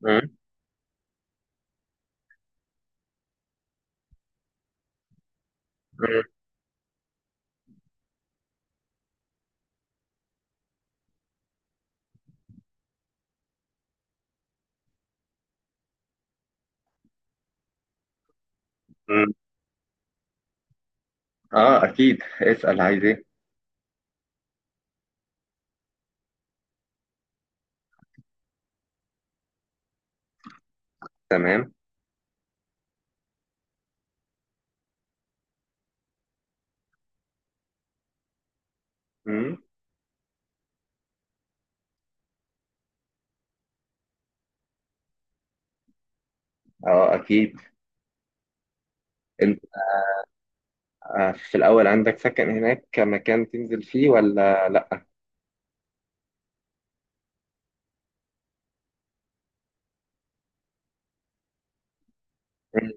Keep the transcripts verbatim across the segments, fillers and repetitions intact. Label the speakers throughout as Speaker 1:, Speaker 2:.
Speaker 1: مم. مم. مم. اه اكيد، اسال، عايز ايه؟ تمام. مم. اه اكيد. انت آه في الاول عندك سكن هناك كمكان تنزل فيه ولا لا؟ مم.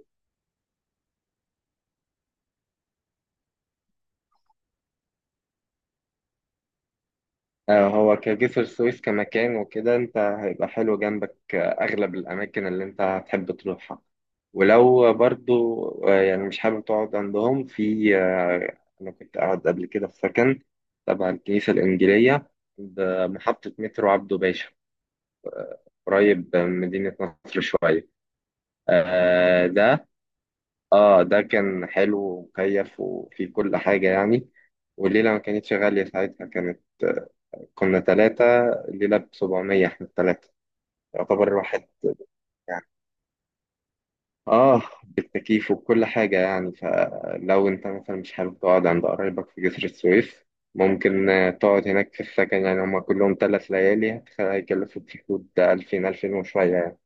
Speaker 1: آه هو كجسر السويس كمكان وكده، انت هيبقى حلو جنبك. آه اغلب الاماكن اللي انت هتحب تروحها، ولو برضو آه يعني مش حابب تقعد عندهم، في آه انا كنت قاعد قبل كده في سكن تبع الكنيسة الإنجيلية بمحطة مترو عبده باشا، قريب من مدينة نصر شوية. آه ده، اه، ده كان حلو ومكيف وفيه كل حاجة يعني. والليلة ما كانتش غالية ساعتها، كانت، كنا تلاتة، الليلة بسبعمية احنا التلاتة يعتبر واحد يعني. اه، بالتكييف وكل حاجة يعني. فلو انت مثلا مش حابب تقعد عند قرايبك في جسر السويس، ممكن آه، تقعد هناك في السكن. يعني هما كلهم تلات ليالي هتخ- هيكلفوا في حدود ألفين، ألفين وشوية يعني.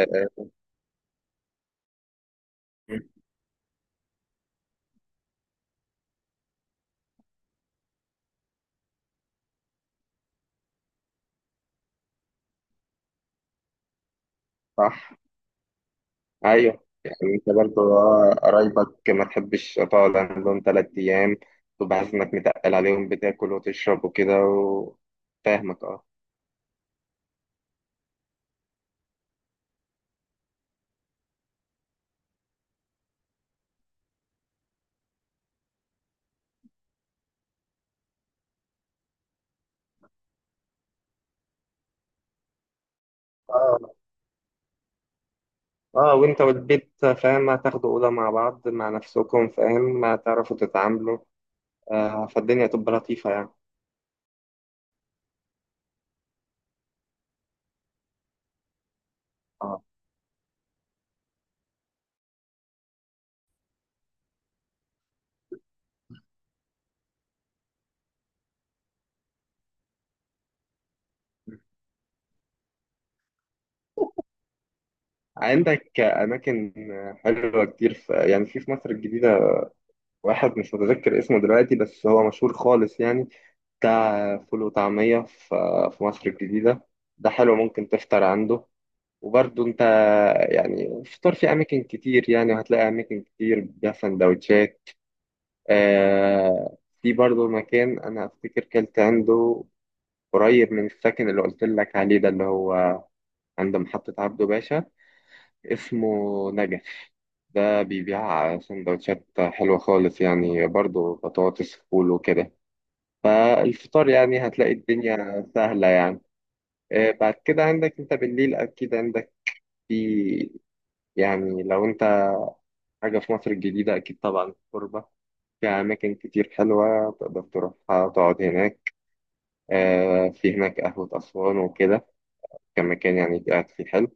Speaker 1: آه، صح. ايوه، يعني انت برضه آه، قرايبك ما تحبش تقعد عندهم تلات ايام، تبقى حاسس انك متقل عليهم بتاكل وتشرب وكده. وفاهمك اه. اه اه، وانت والبيت فاهم، هتاخدوا اوضه مع بعض مع نفسكم، فاهم هتعرفوا تتعاملوا. آه فالدنيا تبقى لطيفه يعني. اه، عندك اماكن حلوه كتير، في يعني في في مصر الجديده. واحد مش متذكر اسمه دلوقتي، بس هو مشهور خالص يعني، بتاع فول وطعمية في في مصر الجديدة. ده حلو، ممكن تفطر عنده. وبرضه انت، يعني فطار في اماكن كتير يعني، وهتلاقي اماكن كتير بيها سندوتشات. آه في برضه مكان انا افتكر كلت عنده، قريب من السكن اللي قلت لك عليه، ده اللي هو عند محطة عبده باشا، اسمه نجف. ده بيبيع سندوتشات حلوة خالص يعني، برضه بطاطس فول وكده. فالفطار يعني هتلاقي الدنيا سهلة يعني. آه، بعد كده عندك انت بالليل اكيد عندك، في يعني لو انت حاجة في مصر الجديدة، اكيد طبعا الكوربة، في اماكن كتير حلوة تقدر تروحها تقعد هناك. آه، في هناك قهوة اسوان وكده، كمكان يعني قاعد فيه حلو.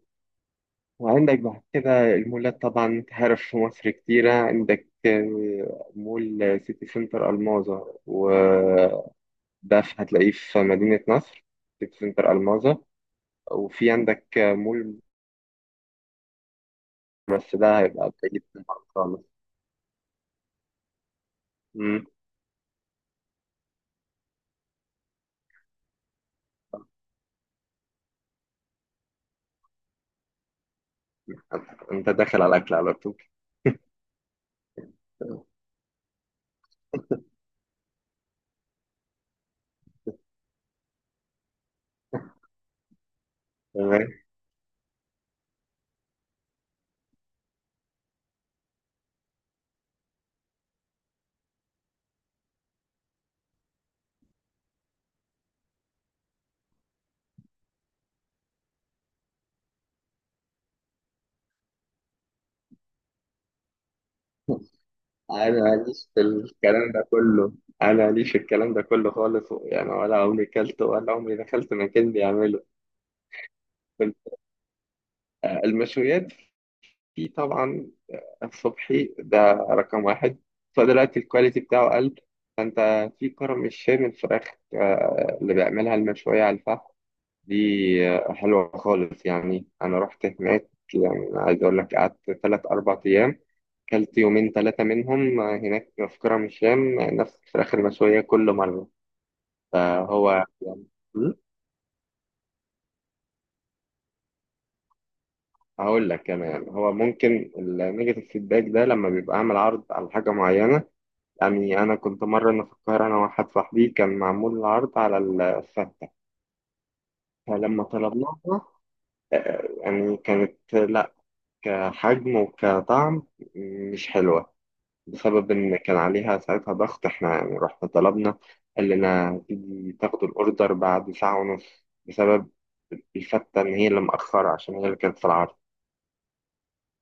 Speaker 1: وعندك بعد كده المولات، طبعا انت عارف في مصر كتيرة. عندك آه، مول سيتي سنتر الماظة وده، في- هتلاقيه في مدينة نصر، سيتي سنتر الماظة. وفي عندك آه، مول، بس ده هيبقى بعيد طبعاً خالص. مم. انت داخل على الاكل على طول. تمام. انا ماليش في الكلام ده كله انا ماليش في الكلام ده كله خالص يعني، ولا عمري كلت ولا عمري دخلت مكان بيعمله. كنت، المشويات، في طبعا الصبحي ده رقم واحد، فدلوقتي الكواليتي بتاعه قل. فانت في كرم الشام الفراخ، آه، اللي بيعملها المشوية على الفحم دي، آه، حلوة خالص يعني. أنا رحت هناك، يعني عايز أقول لك قعدت تلات أربع أيام، كلت يومين ثلاثة منهم آه، هناك في كرم الشام، آه، نفس الفراخ المشوية كل مرة. فهو، م? هقول لك كمان، هو ممكن النيجاتيف فيدباك ده لما بيبقى عامل عرض على حاجة معينة. يعني أنا كنت مرة أنا في القاهرة، أنا وواحد صاحبي، كان معمول العرض على الفتة، فلما طلبناها يعني كانت، لا، كحجم وكطعم مش حلوة، بسبب إن كان عليها ساعتها ضغط. إحنا يعني رحنا طلبنا، قال لنا تيجي تاخدوا الأوردر بعد ساعة ونص، بسبب الفتة إن هي اللي مأخرة عشان هي اللي كانت في العرض.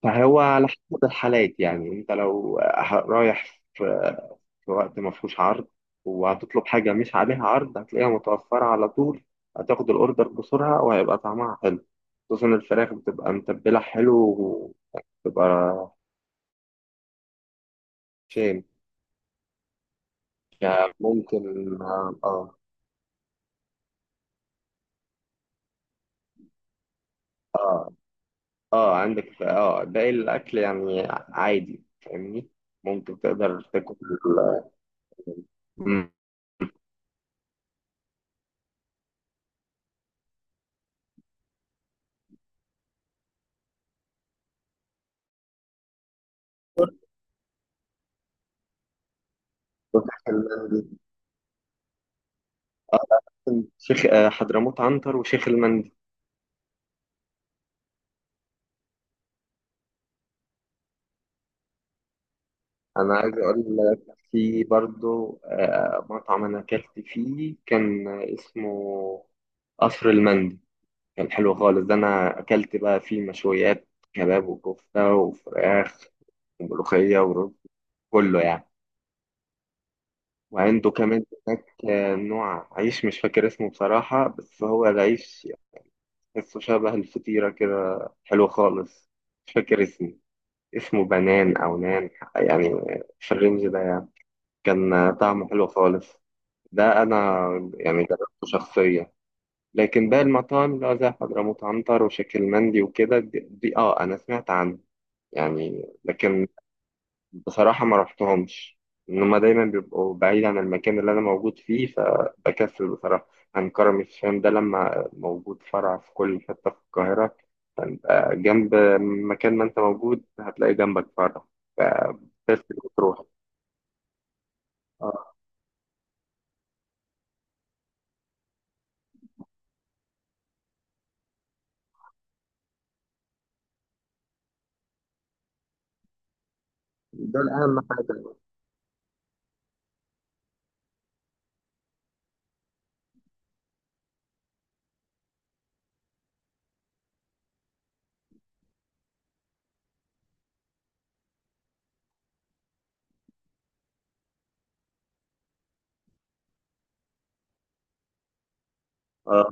Speaker 1: فهو على حسب الحالات يعني. أنت لو ه- رايح في في وقت ما فيهوش عرض، وهتطلب حاجة مش عليها عرض، هتلاقيها متوفرة على طول، هتاخد الأوردر بسرعة، وهيبقى طعمها حلو، خصوصا الفراخ بتبقى متبلة حلو، وبتبقى شام. يعني ممكن، اه. آه. اه، عندك اه باقي الاكل يعني عادي فاهمني، ممكن تقدر تاكل. مم. شيخ آه، حضرموت عنتر وشيخ المندي. انا عايز اقول لك في برضو آه، مطعم انا اكلت فيه، كان اسمه قصر المندي. كان حلو خالص. ده انا اكلت بقى فيه مشويات، كباب وكفته وفراخ وملوخيه ورز، كله يعني. وعنده كمان هناك آه، نوع عيش مش فاكر اسمه بصراحه، بس هو العيش اسمه شبه الفطيرة كده، حلو خالص. مش فاكر اسمه، اسمه بنان أو نان يعني، في الرينج ده يعني. كان طعمه حلو خالص، ده أنا يعني جربته شخصيا. لكن باقي المطاعم اللي هو زي حضرموت عنتر وشكل مندي وكده، دي, دي اه أنا سمعت عنه يعني، لكن بصراحة ما رحتهمش، إن هما دايما بيبقوا بعيد عن المكان اللي أنا موجود فيه، فبكسل بصراحة عن كرم الشام ده، لما موجود فرع في كل حتة في القاهرة، فأنت جنب مكان ما أنت موجود هتلاقي جنبك فرع، فبكسل بتروح. آه، دول أهم حاجة. آه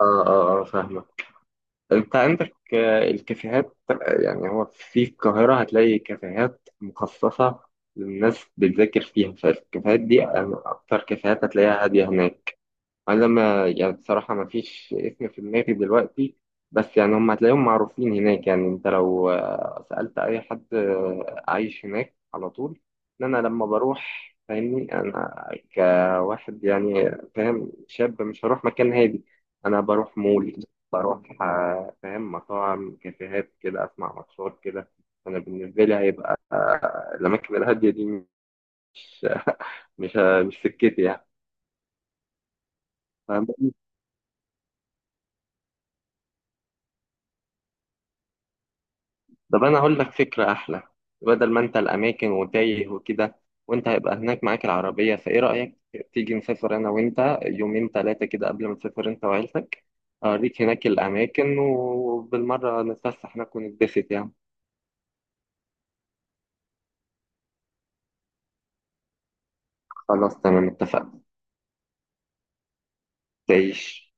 Speaker 1: آه آه، آه، فاهمك. انت عندك آه، الكافيهات، آه، يعني هو في القاهرة هتلاقي كافيهات مخصصة للناس بتذاكر فيها، فالكافيهات دي آه، أكتر كافيهات هتلاقيها هادية هناك. انا ما يعني بصراحه ما فيش اسم في دماغي دلوقتي، بس يعني هم هتلاقيهم معروفين هناك يعني. انت لو آه، سالت اي حد آه، عايش هناك، على طول ان انا لما بروح فاهمني، انا كواحد يعني فاهم، شاب، مش هروح مكان هادي. انا بروح مول، بروح آه، فاهم مطاعم، كافيهات كده، اسمع ماتشات كده. انا بالنسبه لي هيبقى آه، الاماكن الهاديه دي مش مش مش سكتي يعني. فاهم. طب انا هقول لك فكره احلى، بدل ما انت الاماكن وتايه وكده، وانت هيبقى هناك معاك العربيه، فايه رايك تيجي نسافر انا وانت يومين تلاتة كده قبل ما تسافر انت وعيلتك، اوريك هناك الاماكن وبالمره نتفسح هناك ونتبسط يعني. خلاص تمام اتفقنا. تعيش.